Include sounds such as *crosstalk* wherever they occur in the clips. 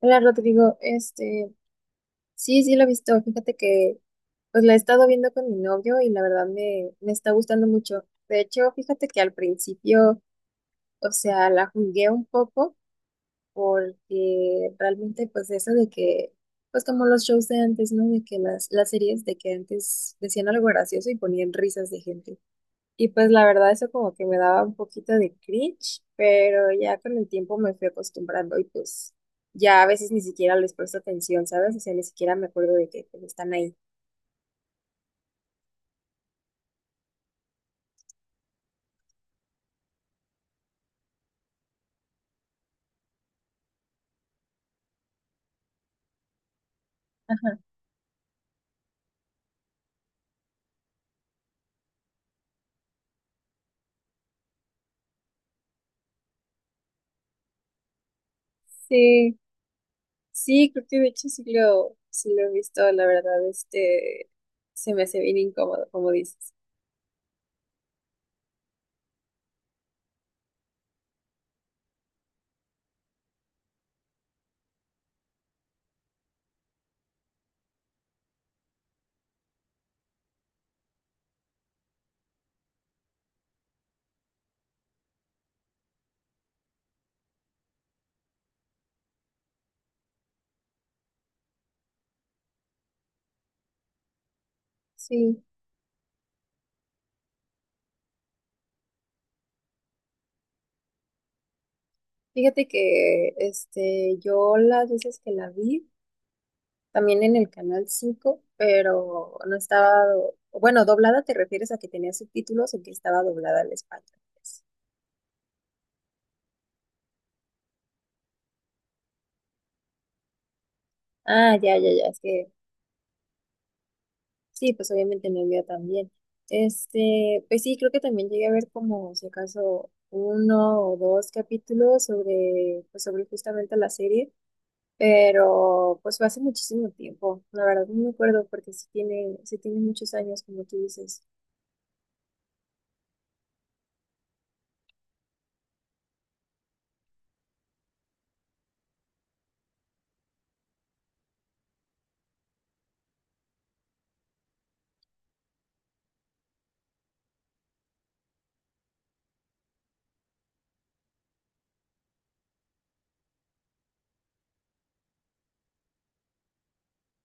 Hola Rodrigo, este, sí, sí lo he visto, fíjate que pues la he estado viendo con mi novio y la verdad me está gustando mucho. De hecho, fíjate que al principio, o sea, la jugué un poco porque realmente pues eso de que, pues como los shows de antes, ¿no? De que las series de que antes decían algo gracioso y ponían risas de gente. Y pues la verdad eso como que me daba un poquito de cringe, pero ya con el tiempo me fui acostumbrando y pues ya a veces ni siquiera les presto atención, ¿sabes? O sea, ni siquiera me acuerdo de que pues, están ahí. Ajá. Sí, sí, creo que de hecho sí lo he visto, la verdad, este, se me hace bien incómodo, como dices. Sí, fíjate que, este, yo las veces que la vi, también en el canal 5 pero no estaba, bueno, doblada te refieres a que tenía subtítulos o que estaba doblada al español. ¿Pues? Ah, ya, ya, ya, es que sí, pues obviamente no había también. Este, pues sí, creo que también llegué a ver como si acaso uno o dos capítulos sobre, pues sobre justamente la serie, pero pues fue hace muchísimo tiempo, la verdad no me acuerdo porque sí tiene muchos años, como tú dices.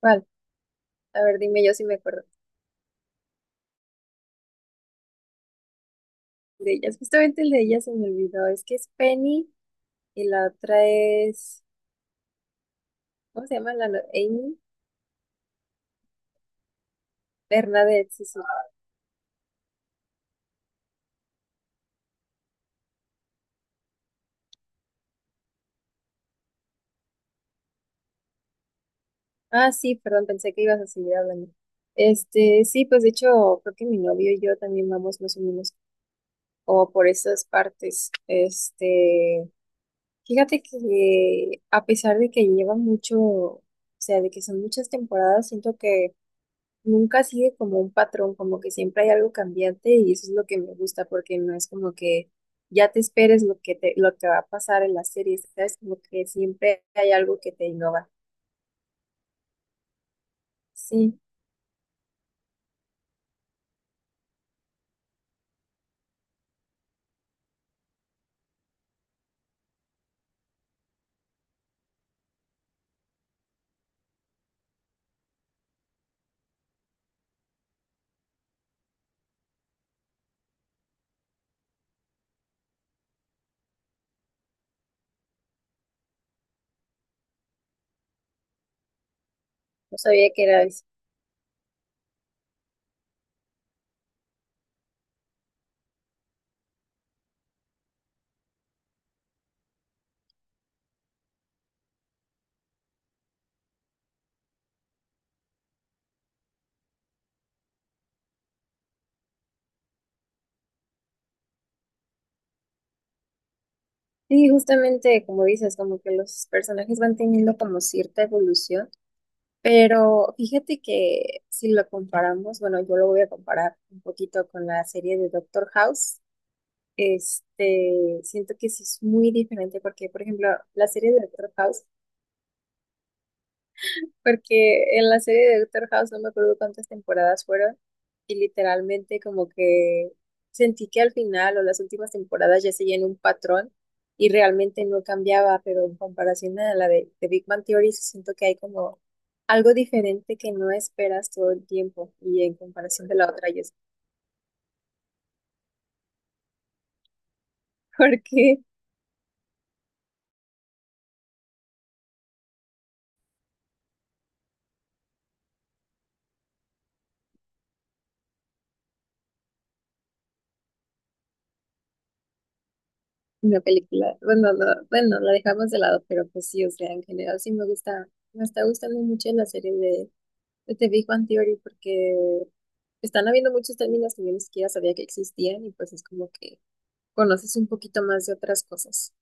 ¿Cuál? A ver, dime yo si me acuerdo de ellas. Justamente el de ellas se me olvidó. Es que es Penny y la otra es. ¿Cómo se llama la Amy? Bernadette, sí, sí. Ah, sí, perdón, pensé que ibas a seguir hablando. Este, sí, pues de hecho, creo que mi novio y yo también vamos más o menos como por esas partes. Este, fíjate que a pesar de que lleva mucho, o sea, de que son muchas temporadas, siento que nunca sigue como un patrón, como que siempre hay algo cambiante y eso es lo que me gusta porque no es como que ya te esperes lo que va a pasar en la serie, ¿sabes? Como que siempre hay algo que te innova. Sí, no sabía que era eso. Sí, justamente como dices, como que los personajes van teniendo como cierta evolución, pero fíjate que si lo comparamos, bueno, yo lo voy a comparar un poquito con la serie de Doctor House. Este, siento que sí es muy diferente porque, por ejemplo, la serie de Doctor House, porque en la serie de Doctor House no me acuerdo cuántas temporadas fueron y literalmente como que sentí que al final o las últimas temporadas ya seguían un patrón y realmente no cambiaba, pero en comparación a la de Big Bang Theory, sí siento que hay como algo diferente que no esperas todo el tiempo y en comparación de la otra, yo, *laughs* porque una película. Bueno, no, bueno, la dejamos de lado, pero pues sí, o sea, en general sí me gusta, me está gustando mucho la serie de The Big Bang Theory porque están habiendo muchos términos que yo ni siquiera sabía que existían y pues es como que conoces un poquito más de otras cosas.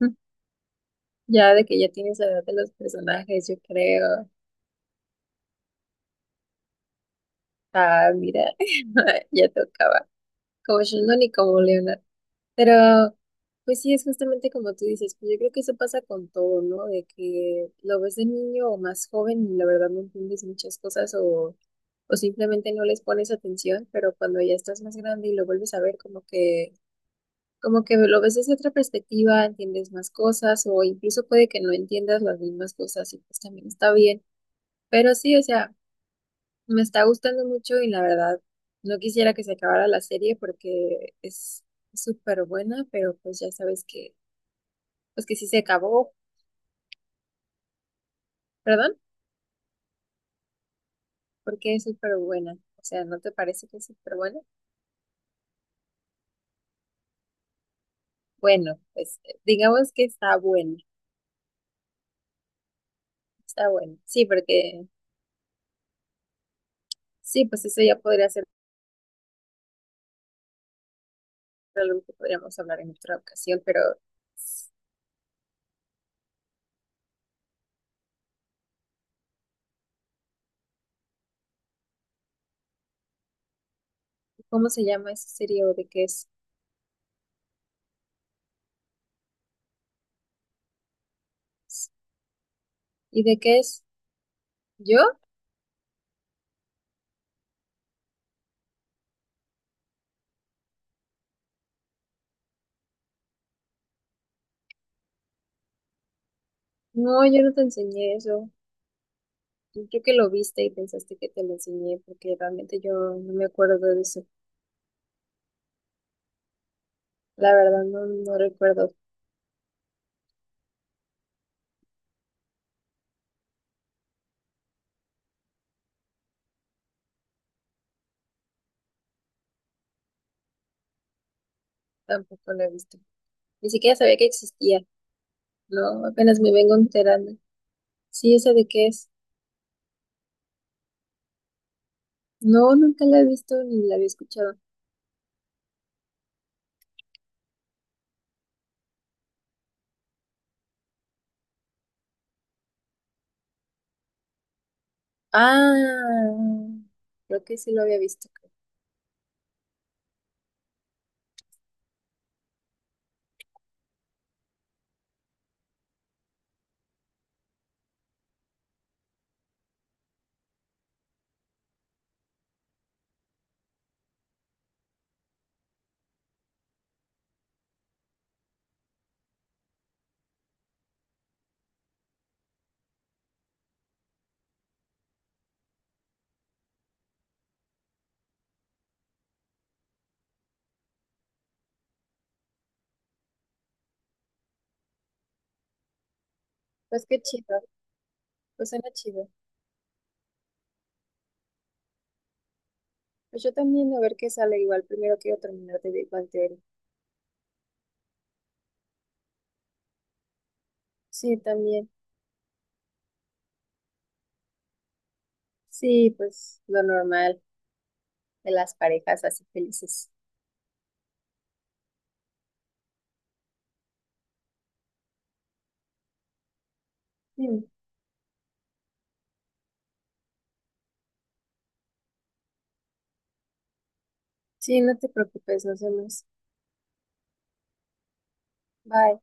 *laughs* Ya de que ya tienes la edad de los personajes, yo creo. Ah, mira, *laughs* ya tocaba. Como Sheldon y como Leonard. Pero, pues sí, es justamente como tú dices, pues yo creo que eso pasa con todo, ¿no? De que lo ves de niño o más joven y la verdad no entiendes muchas cosas o simplemente no les pones atención, pero cuando ya estás más grande y lo vuelves a ver, como que lo ves desde otra perspectiva, entiendes más cosas o incluso puede que no entiendas las mismas cosas y pues también está bien. Pero sí, o sea, me está gustando mucho y la verdad no quisiera que se acabara la serie porque es súper buena, pero pues ya sabes que pues que sí se acabó, perdón, porque es súper buena. O sea, ¿no te parece que es súper buena? Bueno, pues digamos que está buena, está buena. Sí, porque sí, pues eso ya podría ser algo que podríamos hablar en otra ocasión, pero s- ¿cómo se llama esa serie o de qué es? S- ¿Y de qué es? ¿Yo? No, yo no te enseñé eso. Yo creo que lo viste y pensaste que te lo enseñé, porque realmente yo no me acuerdo de eso. La verdad, no, no recuerdo, tampoco lo he visto. Ni siquiera sabía que existía. No, apenas me vengo enterando. Sí, ¿esa de qué es? No, nunca la he visto ni la había escuchado. Ah, creo que sí lo había visto. Creo. Pues qué chido, pues suena chido. Pues yo también, a ver qué sale igual. Primero quiero terminar de Big Bang Theory. Sí, también. Sí, pues lo normal de las parejas así felices. Sí, sí, no te preocupes, nos vemos. Bye.